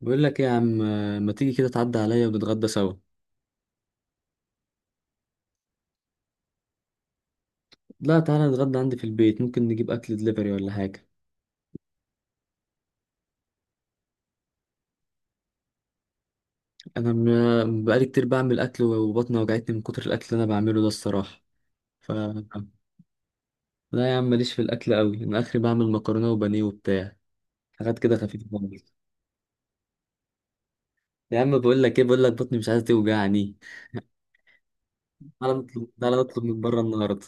بقول لك إيه يا عم، ما تيجي كده تعدي عليا ونتغدى سوا. لا، تعالى نتغدى عندي في البيت، ممكن نجيب اكل دليفري ولا حاجه. انا بقالي كتير بعمل اكل وبطني وجعتني من كتر الاكل اللي انا بعمله ده الصراحه. ف لا يا عم، ماليش في الاكل قوي، انا اخري بعمل مكرونه وبانيه وبتاع، حاجات كده خفيفه خالص. يا عم بقول لك ايه، بقول لك بطني مش عايزه توجعني. تعالى نطلب، تعالى نطلب من بره النهارده.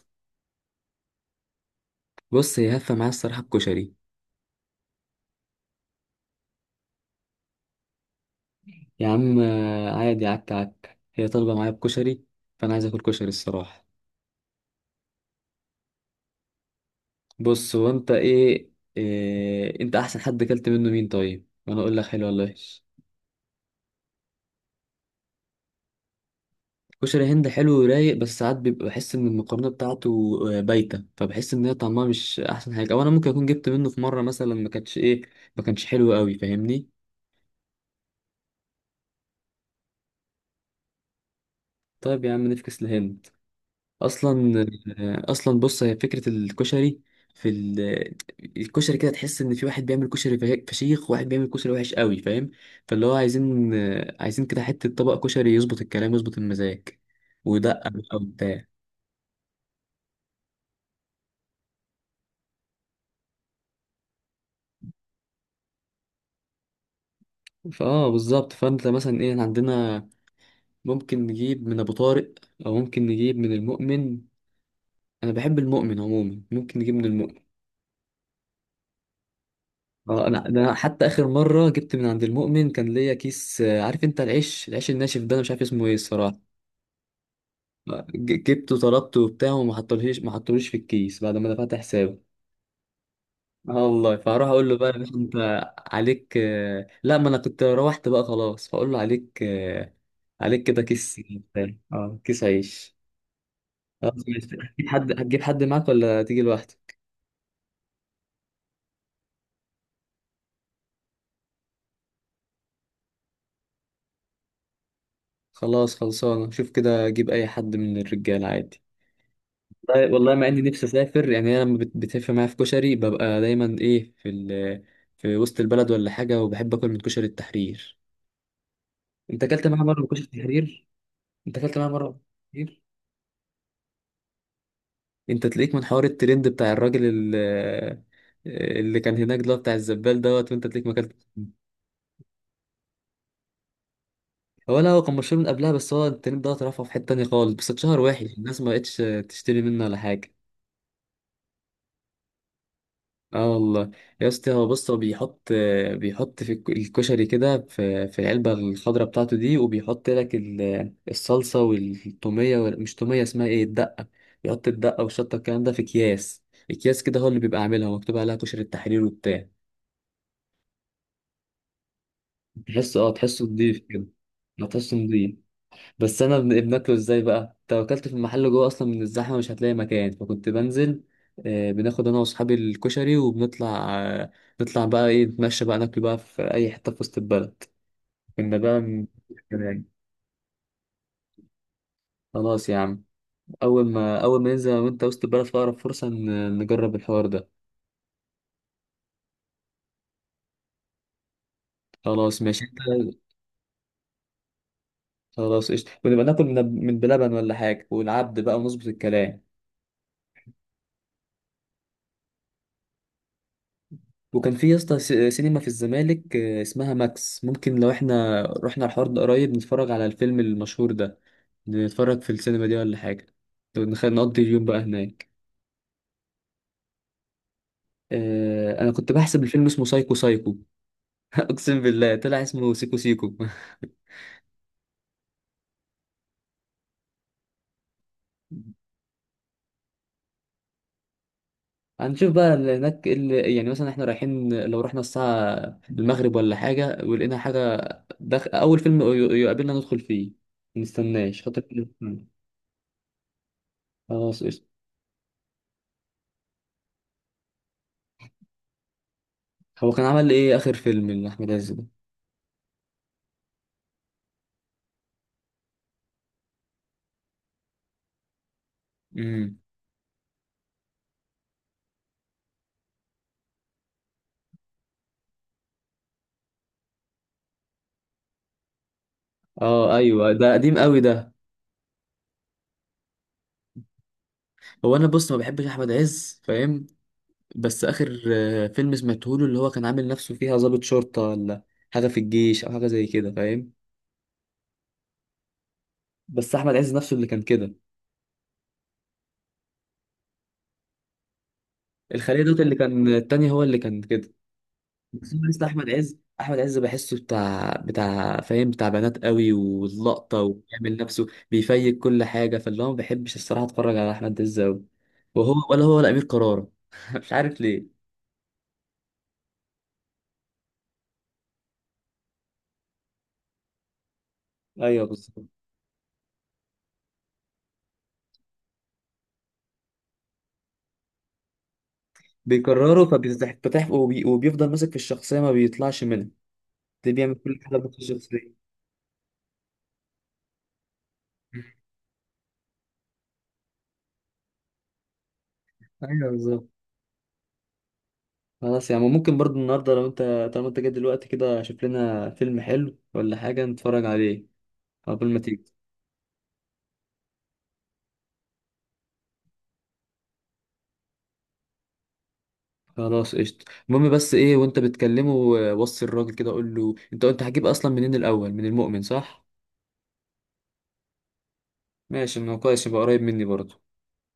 بص، هي هفه معايا الصراحه بكشري. يا عم عادي، عك عك، هي طالبه معايا بكشري، فانا عايز اكل كشري الصراحه. بص، إيه انت احسن حد اكلت منه مين طيب، وانا اقول لك حلو ولا وحش؟ كشري هند حلو ورايق، بس ساعات بيبقى بحس ان المقارنه بتاعته بايته، فبحس ان هي طعمها مش احسن حاجه، او انا ممكن اكون جبت منه في مره مثلا ما كانتش ايه ما كانش حلو قوي، فاهمني؟ طيب يا عم نفكس لهند. اصلا، اصلا بص، هي فكره الكشري في ال... الكشري كده تحس ان في واحد بيعمل كشري فشيخ، وواحد بيعمل كشري وحش قوي، فاهم؟ فاللي هو عايزين، عايزين كده حته طبق كشري يظبط الكلام، يظبط المزاج، ويدقق بقى وبتاع. فاه بالظبط. فانت مثلا ايه، إحنا عندنا ممكن نجيب من ابو طارق، او ممكن نجيب من المؤمن. انا بحب المؤمن عموما، ممكن نجيب من المؤمن. اه انا ده، أنا حتى اخر مره جبت من عند المؤمن كان ليا كيس، عارف انت العيش، العيش الناشف ده انا مش عارف اسمه ايه الصراحه. جبته، طلبته وبتاع، وما حطولهيش، ما حطوليش في الكيس بعد ما دفعت حسابه. اه والله. فهروح اقول له بقى، يا باشا انت عليك لا ما انا كنت روحت بقى خلاص، فاقول له عليك عليك كده كيس بتاع. اه كيس عيش. خلاص ماشي. هتجيب حد، هتجيب حد معاك ولا تيجي لوحدك؟ خلاص خلصانه، شوف كده اجيب اي حد من الرجاله عادي. والله والله، مع اني نفسي اسافر يعني، انا لما بتفق معايا في كشري ببقى دايما ايه، في وسط البلد ولا حاجه، وبحب اكل من كشري التحرير. انت اكلت معاها مره بكشك تحرير؟ انت اكلت معاها مره بكشك تحرير؟ انت تلاقيك من حوار الترند بتاع الراجل ال- اللي كان هناك ده، بتاع الزبال دوت، وانت تلاقيك ما اكلت. هو لا، هو كان مشهور من قبلها، بس هو الترند ده رفعه في حته تانية خالص، بس اتشهر وحش، الناس ما بقتش تشتري منه ولا حاجه. اه والله. يا اسطى هو بص، هو بيحط، بيحط في الكشري كده في في العلبه الخضراء بتاعته دي، وبيحط لك الصلصه والتوميه مش توميه، اسمها ايه، الدقه. بيحط الدقه والشطه، الكلام ده في اكياس، اكياس كده هو اللي بيبقى عاملها، مكتوب عليها كشري التحرير وبتاع. تحسه اه، تحسه نضيف كده. ما تحسه نضيف. بس انا بناكله ازاي بقى، توكلت في المحل جوه اصلا من الزحمه مش هتلاقي مكان، فكنت بنزل بناخد انا واصحابي الكشري وبنطلع، نطلع بقى ايه، نتمشى بقى، ناكل بقى في اي حته في وسط البلد. كنا بقى من... خلاص يا عم، اول ما ننزل أنا وانت وسط البلد في اقرب فرصه نجرب الحوار ده. خلاص ماشي انت. خلاص قشطه، ونبقى ناكل من بلبن ولا حاجه والعبد بقى، ونظبط الكلام. وكان في يا اسطى سينما في الزمالك اسمها ماكس، ممكن لو احنا رحنا الحوار ده قريب، نتفرج على الفيلم المشهور ده، نتفرج في السينما دي ولا حاجة، نقضي اليوم بقى هناك. انا كنت بحسب الفيلم اسمه سايكو سايكو، اقسم بالله طلع اسمه سيكو سيكو. هنشوف بقى اللي هناك إيه، اللي يعني مثلا احنا رايحين، لو رحنا الساعة المغرب ولا حاجة ولقينا حاجة، دخ... أول فيلم يقابلنا ندخل فيه، منستناش خاطر. خلاص قشطة. هو كان عمل إيه آخر فيلم لأحمد عز ده؟ امم اه ايوه، ده قديم قوي ده. هو انا بص ما بحبش احمد عز، فاهم؟ بس اخر فيلم سمعته له، اللي هو كان عامل نفسه فيها ضابط شرطه، ولا حاجه في الجيش او حاجه زي كده، فاهم؟ بس احمد عز نفسه اللي كان كده. الخليه دوت اللي كان التاني هو اللي كان كده. بس انا لسه احمد عز، احمد عز بحسه بتاع بتاع فاهم، بتاع بنات قوي واللقطه، وبيعمل نفسه بيفيك كل حاجه، فاللي هو ما بحبش الصراحه اتفرج على احمد عز قوي. وهو، ولا امير كرارة، مش عارف ليه. ايوه بالظبط، بيكرره فبيتفتح، وبيفضل ماسك في الشخصية ما بيطلعش منها، ده بيعمل كل حاجة في الشخصية. ايوه بالظبط. خلاص يعني ممكن برضو النهارده لو انت، طالما انت جاي دلوقتي كده، شوف لنا فيلم حلو ولا حاجة نتفرج عليه قبل ما تيجي. خلاص قشطة. المهم بس ايه، وانت بتكلمه وصي الراجل كده، قول له انت، انت هتجيب اصلا منين الاول، من المؤمن صح؟ ماشي، ما هو كويس، يبقى قريب مني برضه.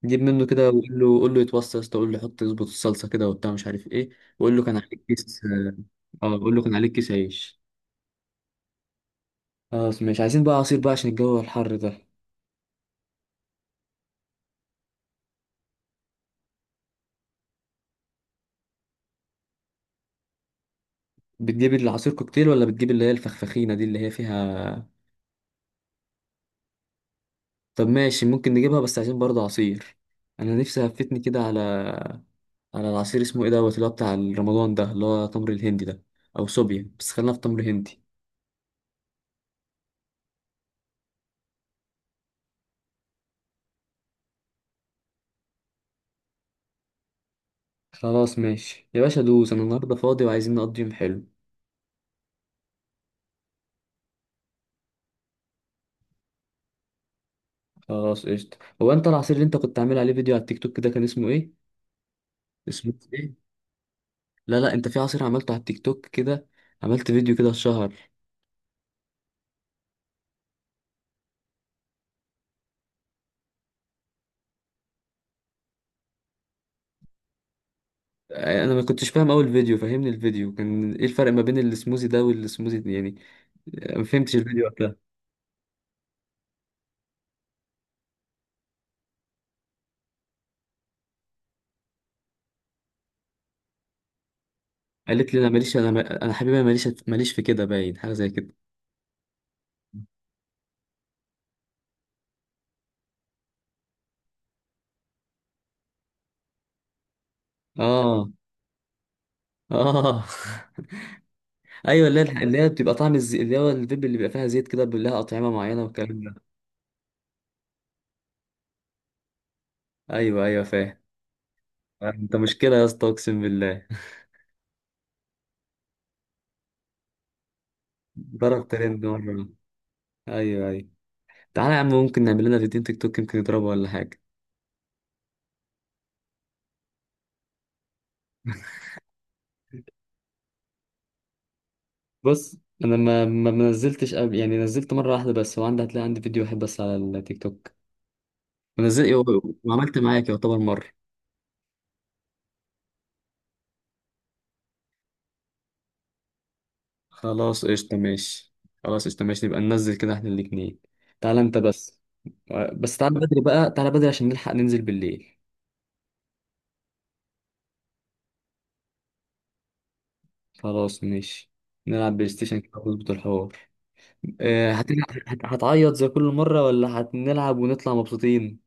جيب منه كده وقول له، قول له يتوصى يا اسطى، قول له حط، يظبط الصلصه كده وبتاع مش عارف ايه. وقول له كان عليك كيس. اه قول له كان عليك كيس عيش. خلاص ماشي. عايزين بقى عصير بقى عشان الجو الحر ده. بتجيب العصير كوكتيل، ولا بتجيب اللي هي الفخفخينة دي اللي هي فيها؟ طب ماشي، ممكن نجيبها، بس عايزين برضه عصير. انا نفسي هفتني كده على، على العصير اسمه ايه دوت، اللي هو بتاع رمضان ده اللي هو تمر الهندي ده، او صوبيا، بس خلينا في تمر هندي. خلاص ماشي يا باشا، دوس، انا النهارده فاضي وعايزين نقضي يوم حلو. خلاص قشطة. هو انت العصير اللي انت كنت عامل عليه فيديو على التيك توك ده كان اسمه ايه؟ اسمه ايه؟ لا لا، انت في عصير عملته على التيك توك كده، عملت فيديو كده شهر. انا ما كنتش فاهم اول فيديو، فهمني الفيديو كان ايه، الفرق ما بين السموزي ده والسموزي ده يعني؟ ما فهمتش الفيديو وقتها. قالت لي انا ماليش، انا انا حبيبي أنا ماليش، ماليش في كده، باين حاجه زي كده. اه. اه. ايوه، اللي هي اللي هي بتبقى طعم الزي... اللي هو الفيب اللي بيبقى فيها زيت كده، بيبقى لها اطعمه معينه والكلام ده. ايوه ايوه فاهم. انت مشكله يا اسطى، اقسم بالله. ضرب ترند مره. ايوه ايوه. تعالى يا عم، ممكن نعمل لنا فيديو تيك توك يمكن يضربه ولا حاجه. بص انا ما نزلتش قبل يعني، نزلت مره واحده بس، وعندي هتلاقي عندي فيديو واحد بس على التيك توك، ونزل. وعملت معاك، يعتبر مره. خلاص قشطه ماشي. خلاص قشطه ماشي، نبقى ننزل كده احنا الاتنين. تعالى انت بس. بس تعالى بدري بقى، تعالى بدري عشان نلحق ننزل بالليل. خلاص ماشي. نلعب بلاي ستيشن كده ونظبط الحوار. هتلعب هتعيط زي كل مره ولا هنلعب ونطلع مبسوطين؟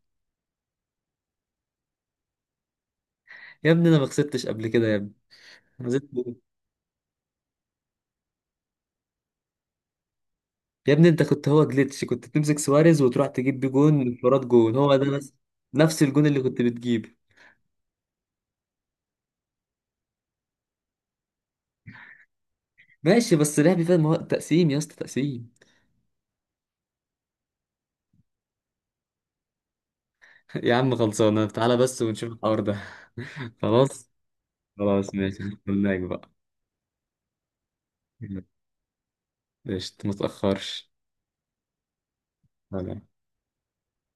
يا ابني انا ما خسرتش قبل كده يا ابني، أنا نزلت. يا ابني انت كنت هو جليتش، كنت بتمسك سواريز وتروح تجيب بيه جون انفراد، جون هو ده بس، نفس الجون اللي كنت بتجيبه. ماشي بس لعبي فاهم، هو تقسيم يا اسطى، تقسيم. يا عم خلصانه، تعالى بس ونشوف الحوار ده. خلاص. خلاص ماشي، هناك بقى. قشطة، ما تأخرش.